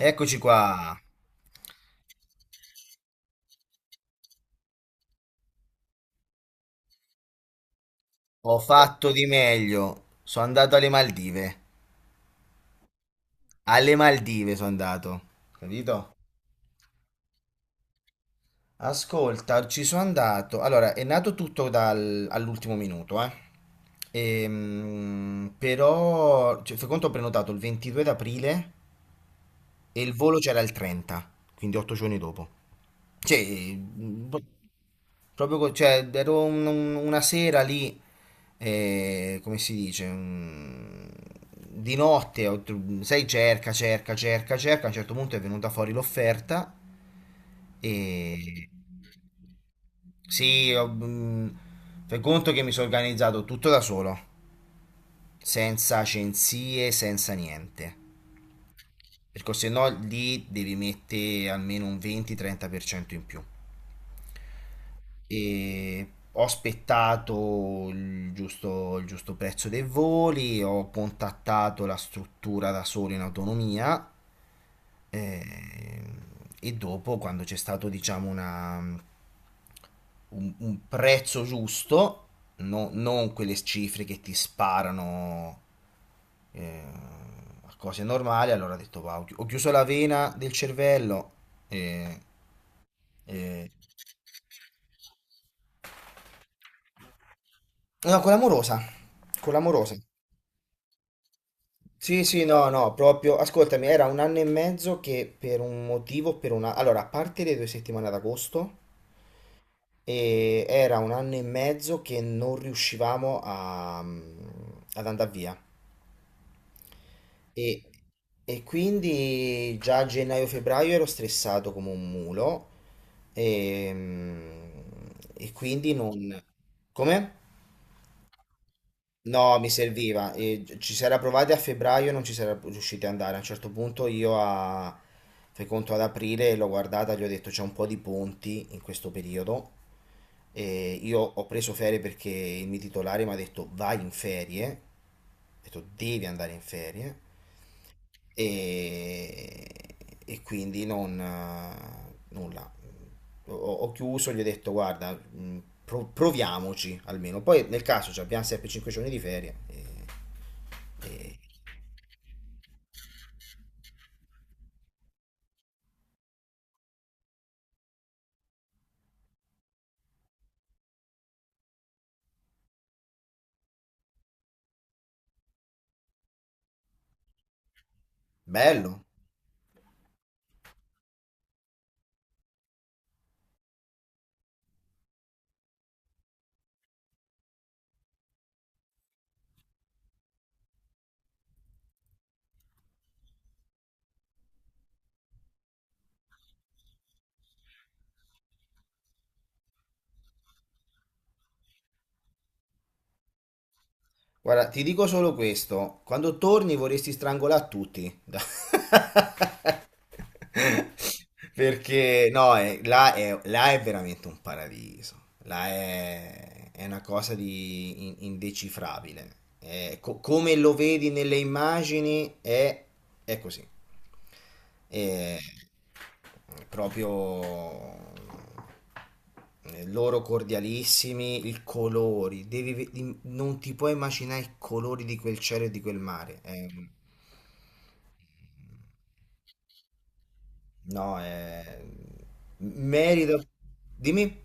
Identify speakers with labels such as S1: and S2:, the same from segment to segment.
S1: Eccoci qua. Ho fatto di meglio. Sono andato alle Maldive. Alle Maldive sono andato. Capito? Ascolta, ci sono andato. Allora, è nato tutto all'ultimo minuto, eh. Però, cioè, fai conto, ho prenotato il 22 d'aprile e il volo c'era il 30, quindi 8 giorni dopo. Cioè, mm, po- Proprio, cioè, ero una sera lì, come si dice, di notte, sai, cerca, cerca, cerca, cerca, a un certo punto è venuta fuori l'offerta e... Sì, fai conto che mi sono organizzato tutto da solo, senza agenzie, senza niente, perché se no lì devi mettere almeno un 20-30% in più. E ho aspettato il giusto prezzo dei voli, ho contattato la struttura da solo in autonomia, eh, e dopo quando c'è stato diciamo un prezzo giusto, non quelle cifre che ti sparano, eh, a cose normali, allora ho detto "Va, ho chiuso la vena del cervello e... e". No, con l'amorosa, con l'amorosa. Sì, sì, no, no, proprio, ascoltami, era un anno e mezzo che per un motivo, per una... Allora, a parte le 2 settimane ad agosto, e era un anno e mezzo che non riuscivamo ad andare via. E, e quindi già a gennaio-febbraio ero stressato come un mulo, e, e quindi non... Come? No, mi serviva. E ci si era provati a febbraio e non ci si era riusciti ad andare. A un certo punto io a... fai conto ad aprile l'ho guardata, gli ho detto c'è un po' di ponti in questo periodo. E io ho preso ferie perché il mio titolare mi ha detto vai in ferie. Ho detto devi andare in ferie e, e quindi non nulla. Ho chiuso, gli ho detto guarda, proviamoci almeno. Poi nel caso ci abbiamo sempre 5 giorni di ferie. Bello. Guarda, ti dico solo questo, quando torni vorresti strangolare tutti. Perché no, là, là è veramente un paradiso. Là è una cosa di indecifrabile. È come lo vedi nelle immagini è così. È proprio, loro cordialissimi, i colori. Devi non ti puoi immaginare i colori di quel cielo e di quel mare. No, è... merito. Dimmi.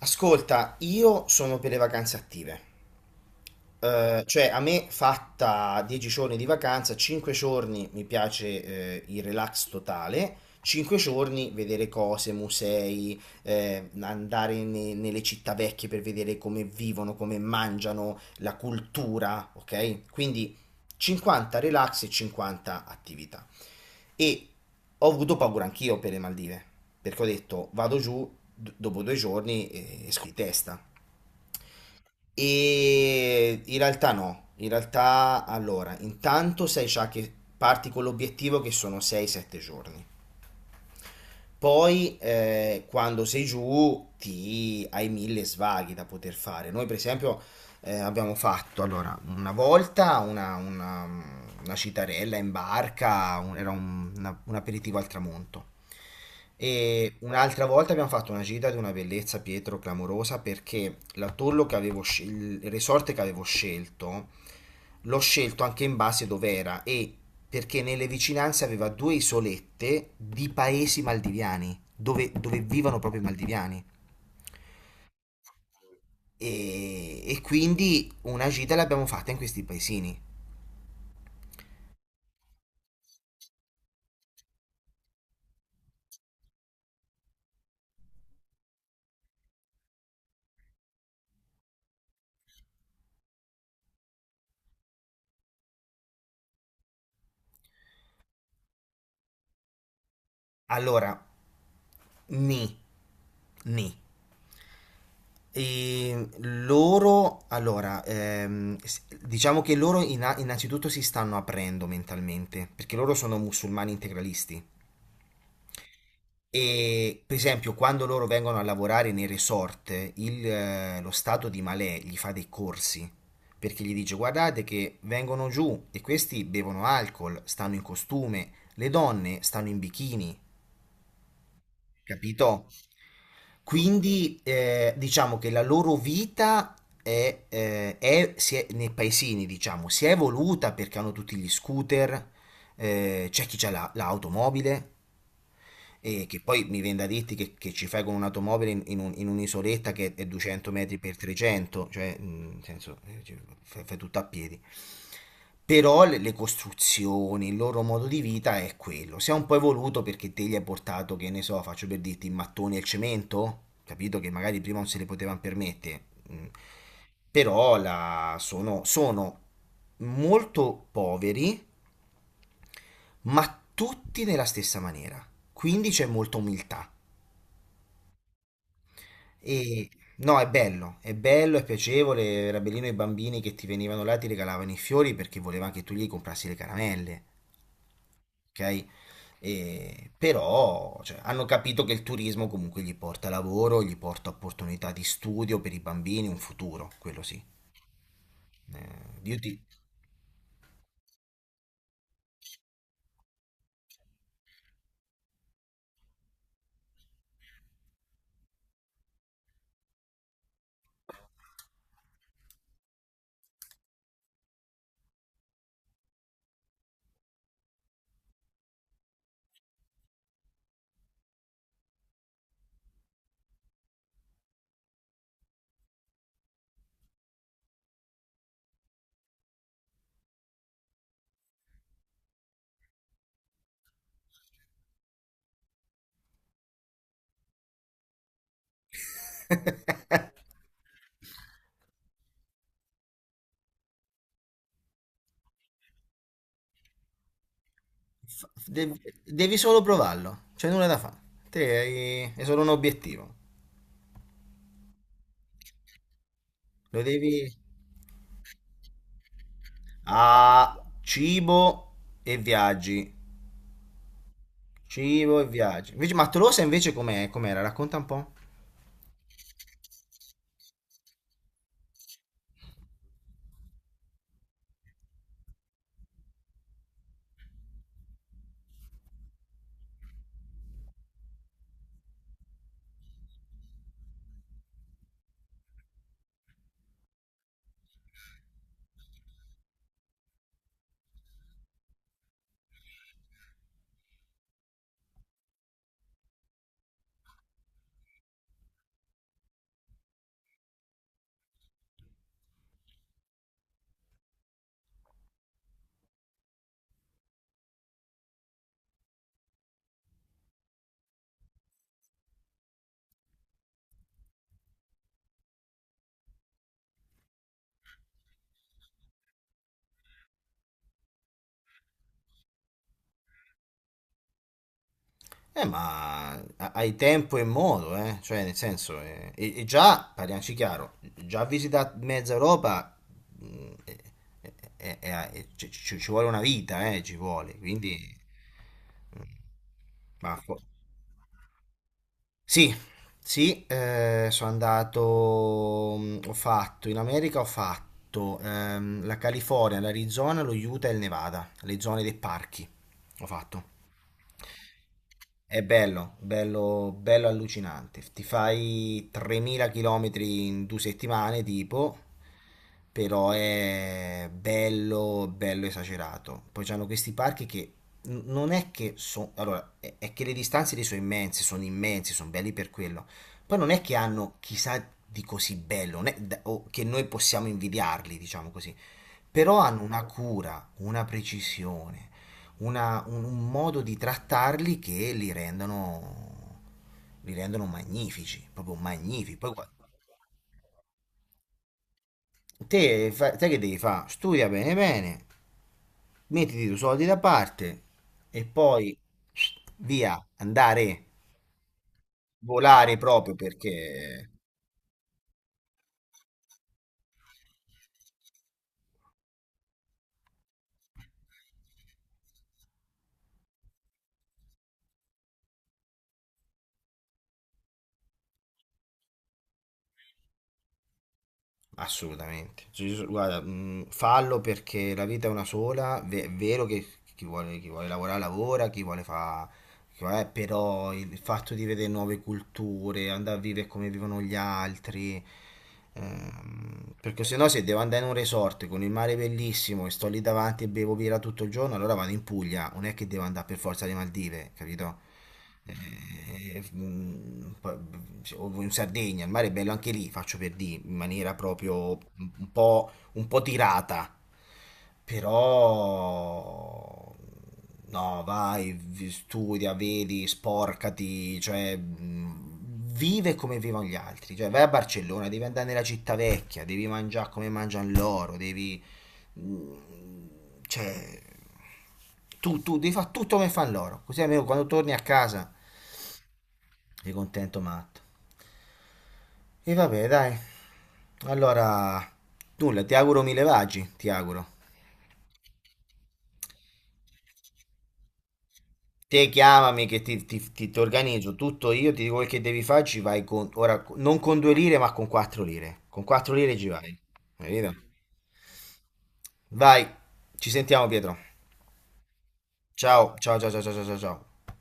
S1: Ascolta, io sono per le vacanze attive. Cioè, a me fatta 10 giorni di vacanza, 5 giorni mi piace, il relax totale, 5 giorni vedere cose, musei, andare nelle città vecchie per vedere come vivono, come mangiano, la cultura, ok? Quindi 50 relax e 50 attività. E ho avuto paura anch'io per le Maldive, perché ho detto vado giù dopo 2 giorni e esco di testa. E in realtà no, in realtà allora, intanto sai già che parti con l'obiettivo che sono 6-7 giorni. Poi, quando sei giù ti hai mille svaghi da poter fare. Noi per esempio, abbiamo fatto allora una volta una citarella in barca, era un aperitivo al tramonto. E un'altra volta abbiamo fatto una gita di una bellezza, Pietro, clamorosa, perché l'atollo che avevo il resort che avevo scelto, l'ho scelto anche in base dove era e perché nelle vicinanze aveva due isolette di paesi maldiviani, dove vivono proprio i maldiviani. E quindi una gita l'abbiamo fatta in questi paesini. Allora, ni, ni. E loro, allora, diciamo che loro innanzitutto si stanno aprendo mentalmente, perché loro sono musulmani integralisti. E per esempio, quando loro vengono a lavorare nei resort, lo stato di Malè gli fa dei corsi, perché gli dice: "Guardate che vengono giù e questi bevono alcol, stanno in costume, le donne stanno in bikini". Capito? Quindi, diciamo che la loro vita nei paesini, diciamo, si è evoluta perché hanno tutti gli scooter, c'è chi ha l'automobile, e che poi mi viene da dirti che ci fai con un'automobile in, in un'isoletta che è 200 metri per 300, cioè, nel senso, fai tutto a piedi. Però le costruzioni, il loro modo di vita è quello. Si è un po' evoluto perché te gli hai portato, che ne so, faccio per dirti, i mattoni e il cemento, capito? Che magari prima non se li potevano permettere. Mm. Però sono molto poveri, ma tutti nella stessa maniera. Quindi c'è molta umiltà. E no, è bello, è bello, è piacevole. Era bellino i bambini che ti venivano là e ti regalavano i fiori perché volevano che tu gli comprassi le caramelle. Ok? Però cioè, hanno capito che il turismo comunque gli porta lavoro, gli porta opportunità di studio per i bambini, un futuro, quello sì. Io ti- fa- devi, devi solo provarlo, c'è nulla da fare. Te è solo un obiettivo. Lo devi a cibo e viaggi. Cibo e viaggi. Invece, ma Tolosa invece com'è? Com'era? Racconta un po'. Ma hai tempo e modo, eh? Cioè, nel senso, e già, parliamoci chiaro, già visitato mezza Europa, mh, eh, ci vuole una vita, ci vuole, quindi... mm, Ma fo- sì, sì, sono andato, in America ho fatto la California, l'Arizona, lo Utah e il Nevada, le zone dei parchi, ho fatto. È bello, bello, bello allucinante. Ti fai 3000 km in 2 settimane, tipo, però è bello, bello esagerato. Poi c'hanno questi parchi che non è che sono... Allora, è che le distanze lì sono immense, sono immensi, sono belli per quello. Poi non è che hanno chissà di così bello, non è o che noi possiamo invidiarli, diciamo così, però hanno una cura, una precisione, un modo di trattarli che li rendono magnifici, proprio magnifici. Poi, te, sai che devi fare? Studia bene bene, mettiti i tuoi soldi da parte e poi via, andare, volare proprio perché... Assolutamente. Cioè, io guarda, fallo perché la vita è una sola, è vero che chi vuole lavorare lavora, chi vuole fare. Però il fatto di vedere nuove culture, andare a vivere come vivono gli altri, perché se no se devo andare in un resort con il mare bellissimo e sto lì davanti e bevo birra tutto il giorno, allora vado in Puglia, non è che devo andare per forza alle Maldive, capito? Poi, o in Sardegna, il mare è bello anche lì, faccio per dire, in maniera proprio un po' tirata, però no, vai, studia, vedi, sporcati, cioè vive come vivono gli altri, cioè vai a Barcellona, devi andare nella città vecchia, devi mangiare come mangiano loro, devi cioè tu devi fare tutto come fanno loro, così almeno quando torni a casa sei contento matto. E vabbè, dai. Allora, nulla, ti auguro mille vagi, ti auguro. Te chiamami che ti organizzo tutto io, ti dico quel che devi fare, ci vai con, ora, non con 2 lire, ma con 4 lire. Con quattro lire ci vai. Capito? Vai, ci sentiamo, Pietro. Ciao, ciao, ciao, ciao, ciao, ciao, ciao. Ciao.